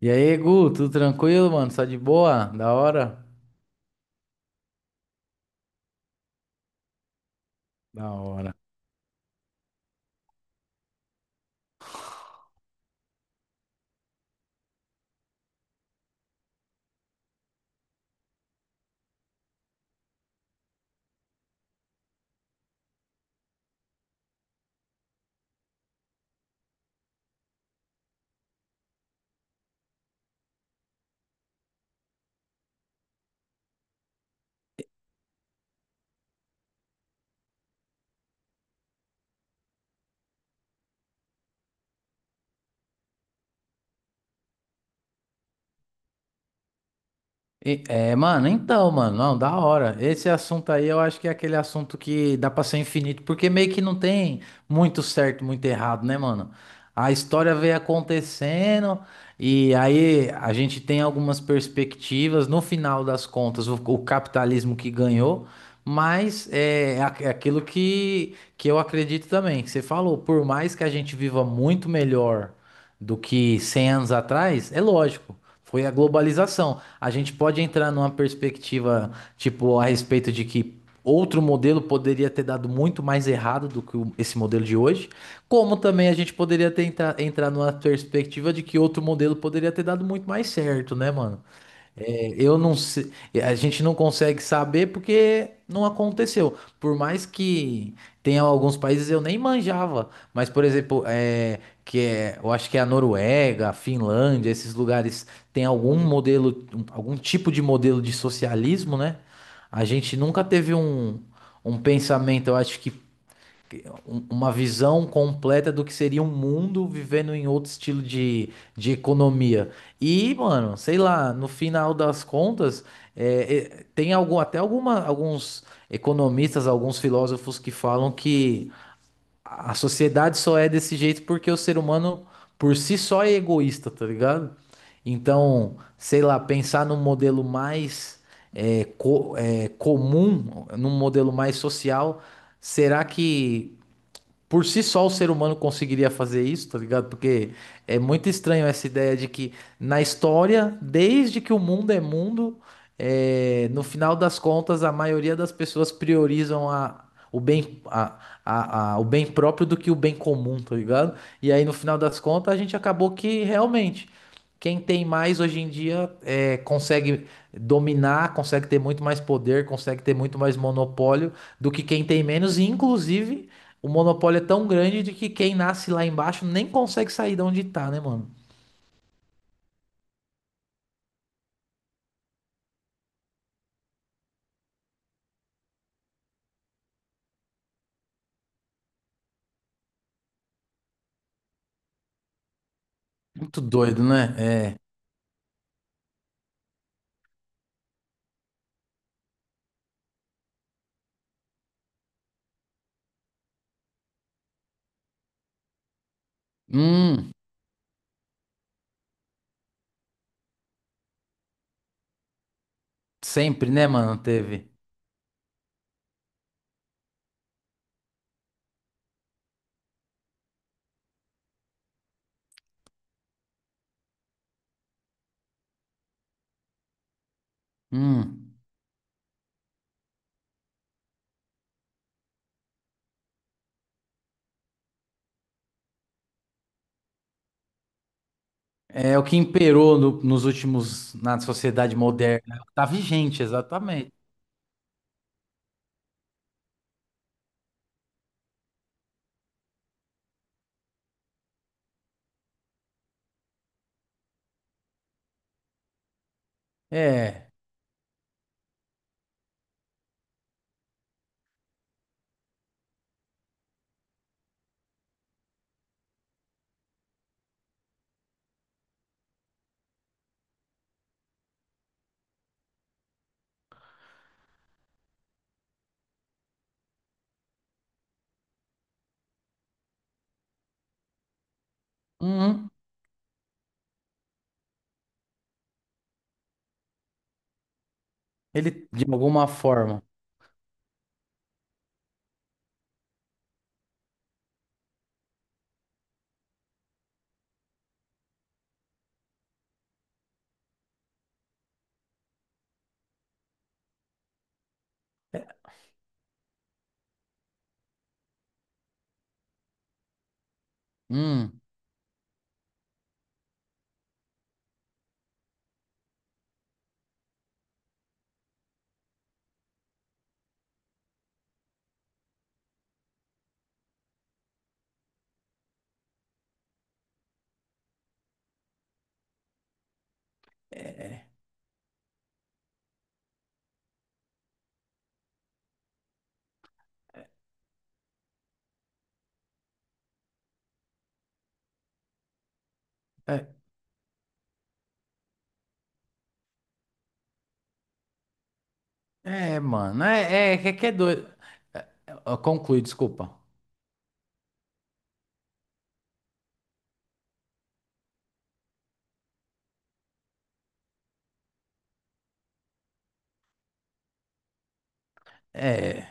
E aí, Gu, tudo tranquilo, mano? Só de boa? Da hora? Da hora. E- É, mano, então, mano, não, da hora. Esse assunto aí eu acho que é aquele assunto que dá pra ser infinito, porque meio que não tem muito certo, muito errado, né, mano? A história veio acontecendo e aí a gente tem algumas perspectivas. No final das contas, o capitalismo que ganhou, mas é aquilo que eu acredito também, que você falou, por mais que a gente viva muito melhor do que 100 anos atrás, é lógico, foi a globalização a gente pode entrar numa perspectiva, tipo, a respeito de que outro modelo poderia ter dado muito mais errado do que esse modelo de hoje, como também a gente poderia tentar entrar numa perspectiva de que outro modelo poderia ter dado muito mais certo, né, mano? É, eu não sei, a gente não consegue saber porque não aconteceu. Por mais que tenha alguns países eu nem manjava, mas por exemplo, eu acho que é a Noruega, a Finlândia, esses lugares têm algum modelo, algum tipo de modelo de socialismo, né? A gente nunca teve um pensamento, eu acho que uma visão completa do que seria um mundo vivendo em outro estilo de economia. E, mano, sei lá, no final das contas, tem algum, até alguma, alguns economistas, alguns filósofos que falam que a sociedade só é desse jeito porque o ser humano por si só é egoísta, tá ligado? Então, sei lá, pensar num modelo mais comum, num modelo mais social, será que por si só o ser humano conseguiria fazer isso, tá ligado? Porque é muito estranho essa ideia de que na história, desde que o mundo, é, no final das contas, a maioria das pessoas priorizam o bem, o bem próprio do que o bem comum, tá ligado? E aí, no final das contas, a gente acabou que realmente. Quem tem mais hoje em dia é, consegue dominar, consegue ter muito mais poder, consegue ter muito mais monopólio do que quem tem menos. E, inclusive, o monopólio é tão grande de que quem nasce lá embaixo nem consegue sair de onde tá, né, mano? Muito doido, né? É. Hum, sempre, né, mano? Teve. Hum. É o que imperou nos últimos, na sociedade moderna. É o que tá vigente, exatamente. É. Hum. Ele, de alguma forma. Hum. Mano, é que é doido. É, Conclui, desculpa. É,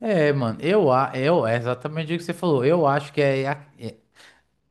mano, eu, é exatamente o que você falou. Eu acho que é, a- é,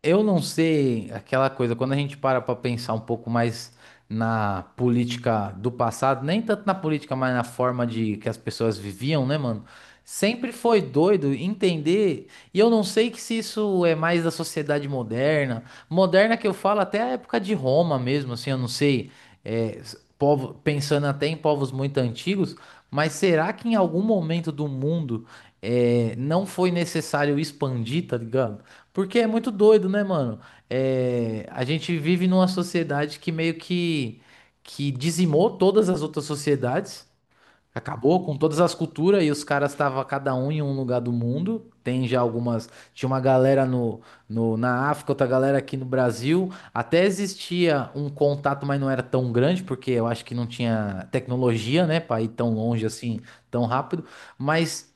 Eu não sei aquela coisa, quando a gente para para pensar um pouco mais na política do passado, nem tanto na política, mas na forma de que as pessoas viviam, né, mano? Sempre foi doido entender, e eu não sei que se isso é mais da sociedade moderna, moderna que eu falo até a época de Roma mesmo, assim, eu não sei, povo, pensando até em povos muito antigos, mas será que em algum momento do mundo não foi necessário expandir, tá ligado? Porque é muito doido, né, mano? É, a gente vive numa sociedade que dizimou todas as outras sociedades, acabou com todas as culturas e os caras estavam cada um em um lugar do mundo. Tem já algumas. Tinha uma galera no, no, na África, outra galera aqui no Brasil. Até existia um contato, mas não era tão grande, porque eu acho que não tinha tecnologia, né, pra ir tão longe assim, tão rápido. Mas.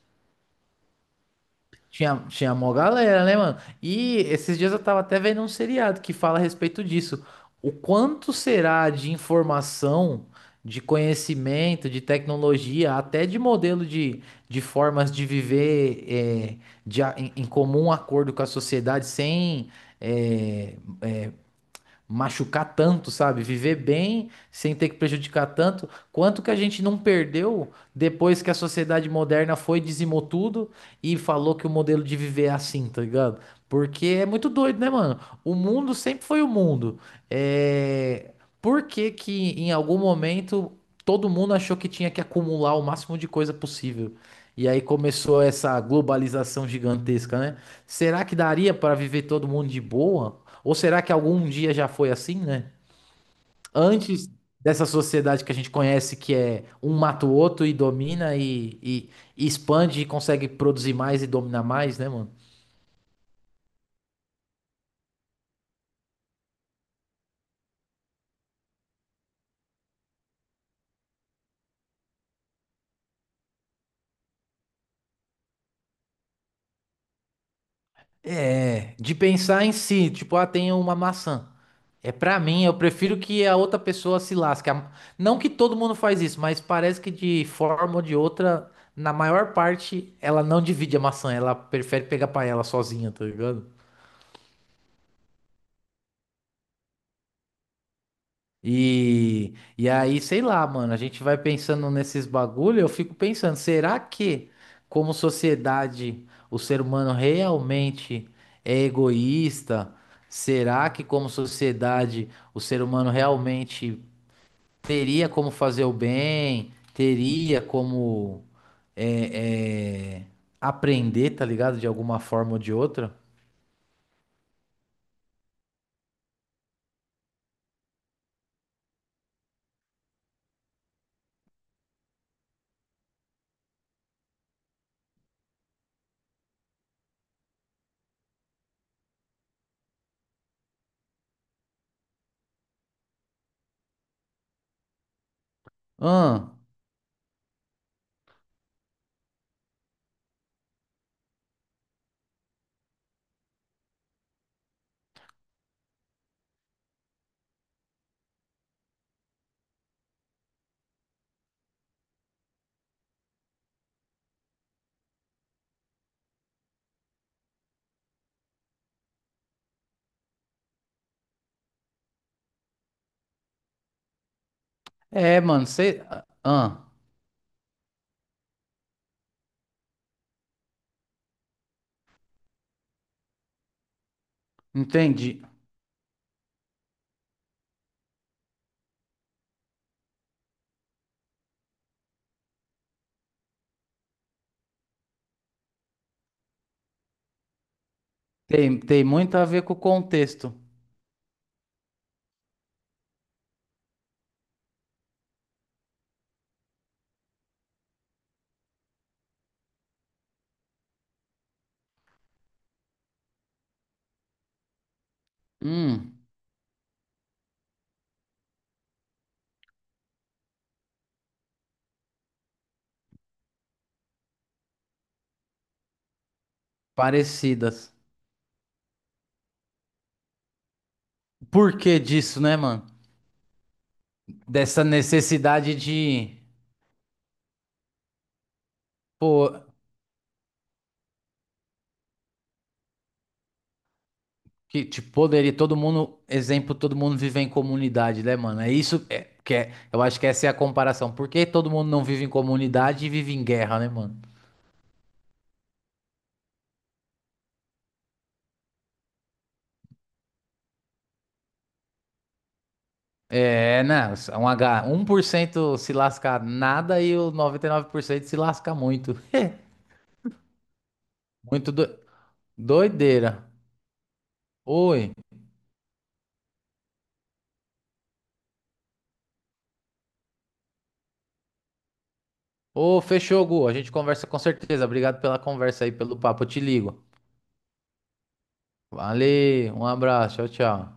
Tinha mó galera, né, mano? E esses dias eu tava até vendo um seriado que fala a respeito disso. O quanto será de informação, de conhecimento, de tecnologia, até de modelo de formas de viver é, de em comum acordo com a sociedade, sem é, machucar tanto, sabe? Viver bem sem ter que prejudicar tanto. Quanto que a gente não perdeu depois que a sociedade moderna foi, dizimou tudo e falou que o modelo de viver é assim, tá ligado? Porque é muito doido, né, mano? O mundo sempre foi o mundo. É... Por que que em algum momento todo mundo achou que tinha que acumular o máximo de coisa possível? E aí começou essa globalização gigantesca, né? Será que daria para viver todo mundo de boa? Ou será que algum dia já foi assim, né? Antes dessa sociedade que a gente conhece, que é um mata o outro e domina e expande e consegue produzir mais e dominar mais, né, mano? É, de pensar em si, tipo, ah, tem uma maçã. É pra mim, eu prefiro que a outra pessoa se lasque. Não que todo mundo faz isso, mas parece que de forma ou de outra, na maior parte, ela não divide a maçã, ela prefere pegar pra ela sozinha, tá ligado? E aí, sei lá, mano, a gente vai pensando nesses bagulho, eu fico pensando, será que, como sociedade, o ser humano realmente é egoísta? Será que, como sociedade, o ser humano realmente teria como fazer o bem? Teria como é, é, aprender, tá ligado? De alguma forma ou de outra? Ah, é, mano, você. Ah, entendi. Tem muito a ver com o contexto. Hum, parecidas. Por que disso, né, mano? Dessa necessidade de, pô, que tipo, poderia todo mundo, exemplo, todo mundo vive em comunidade, né, mano? Eu acho que essa é a comparação. Por que todo mundo não vive em comunidade e vive em guerra, né, mano? É, né, 1% se lasca nada e o 99% se lasca muito. Muito do, doideira. Oi. Ô, fechou, Gu. A gente conversa com certeza. Obrigado pela conversa aí, pelo papo. Eu te ligo. Valeu, um abraço. Tchau, tchau.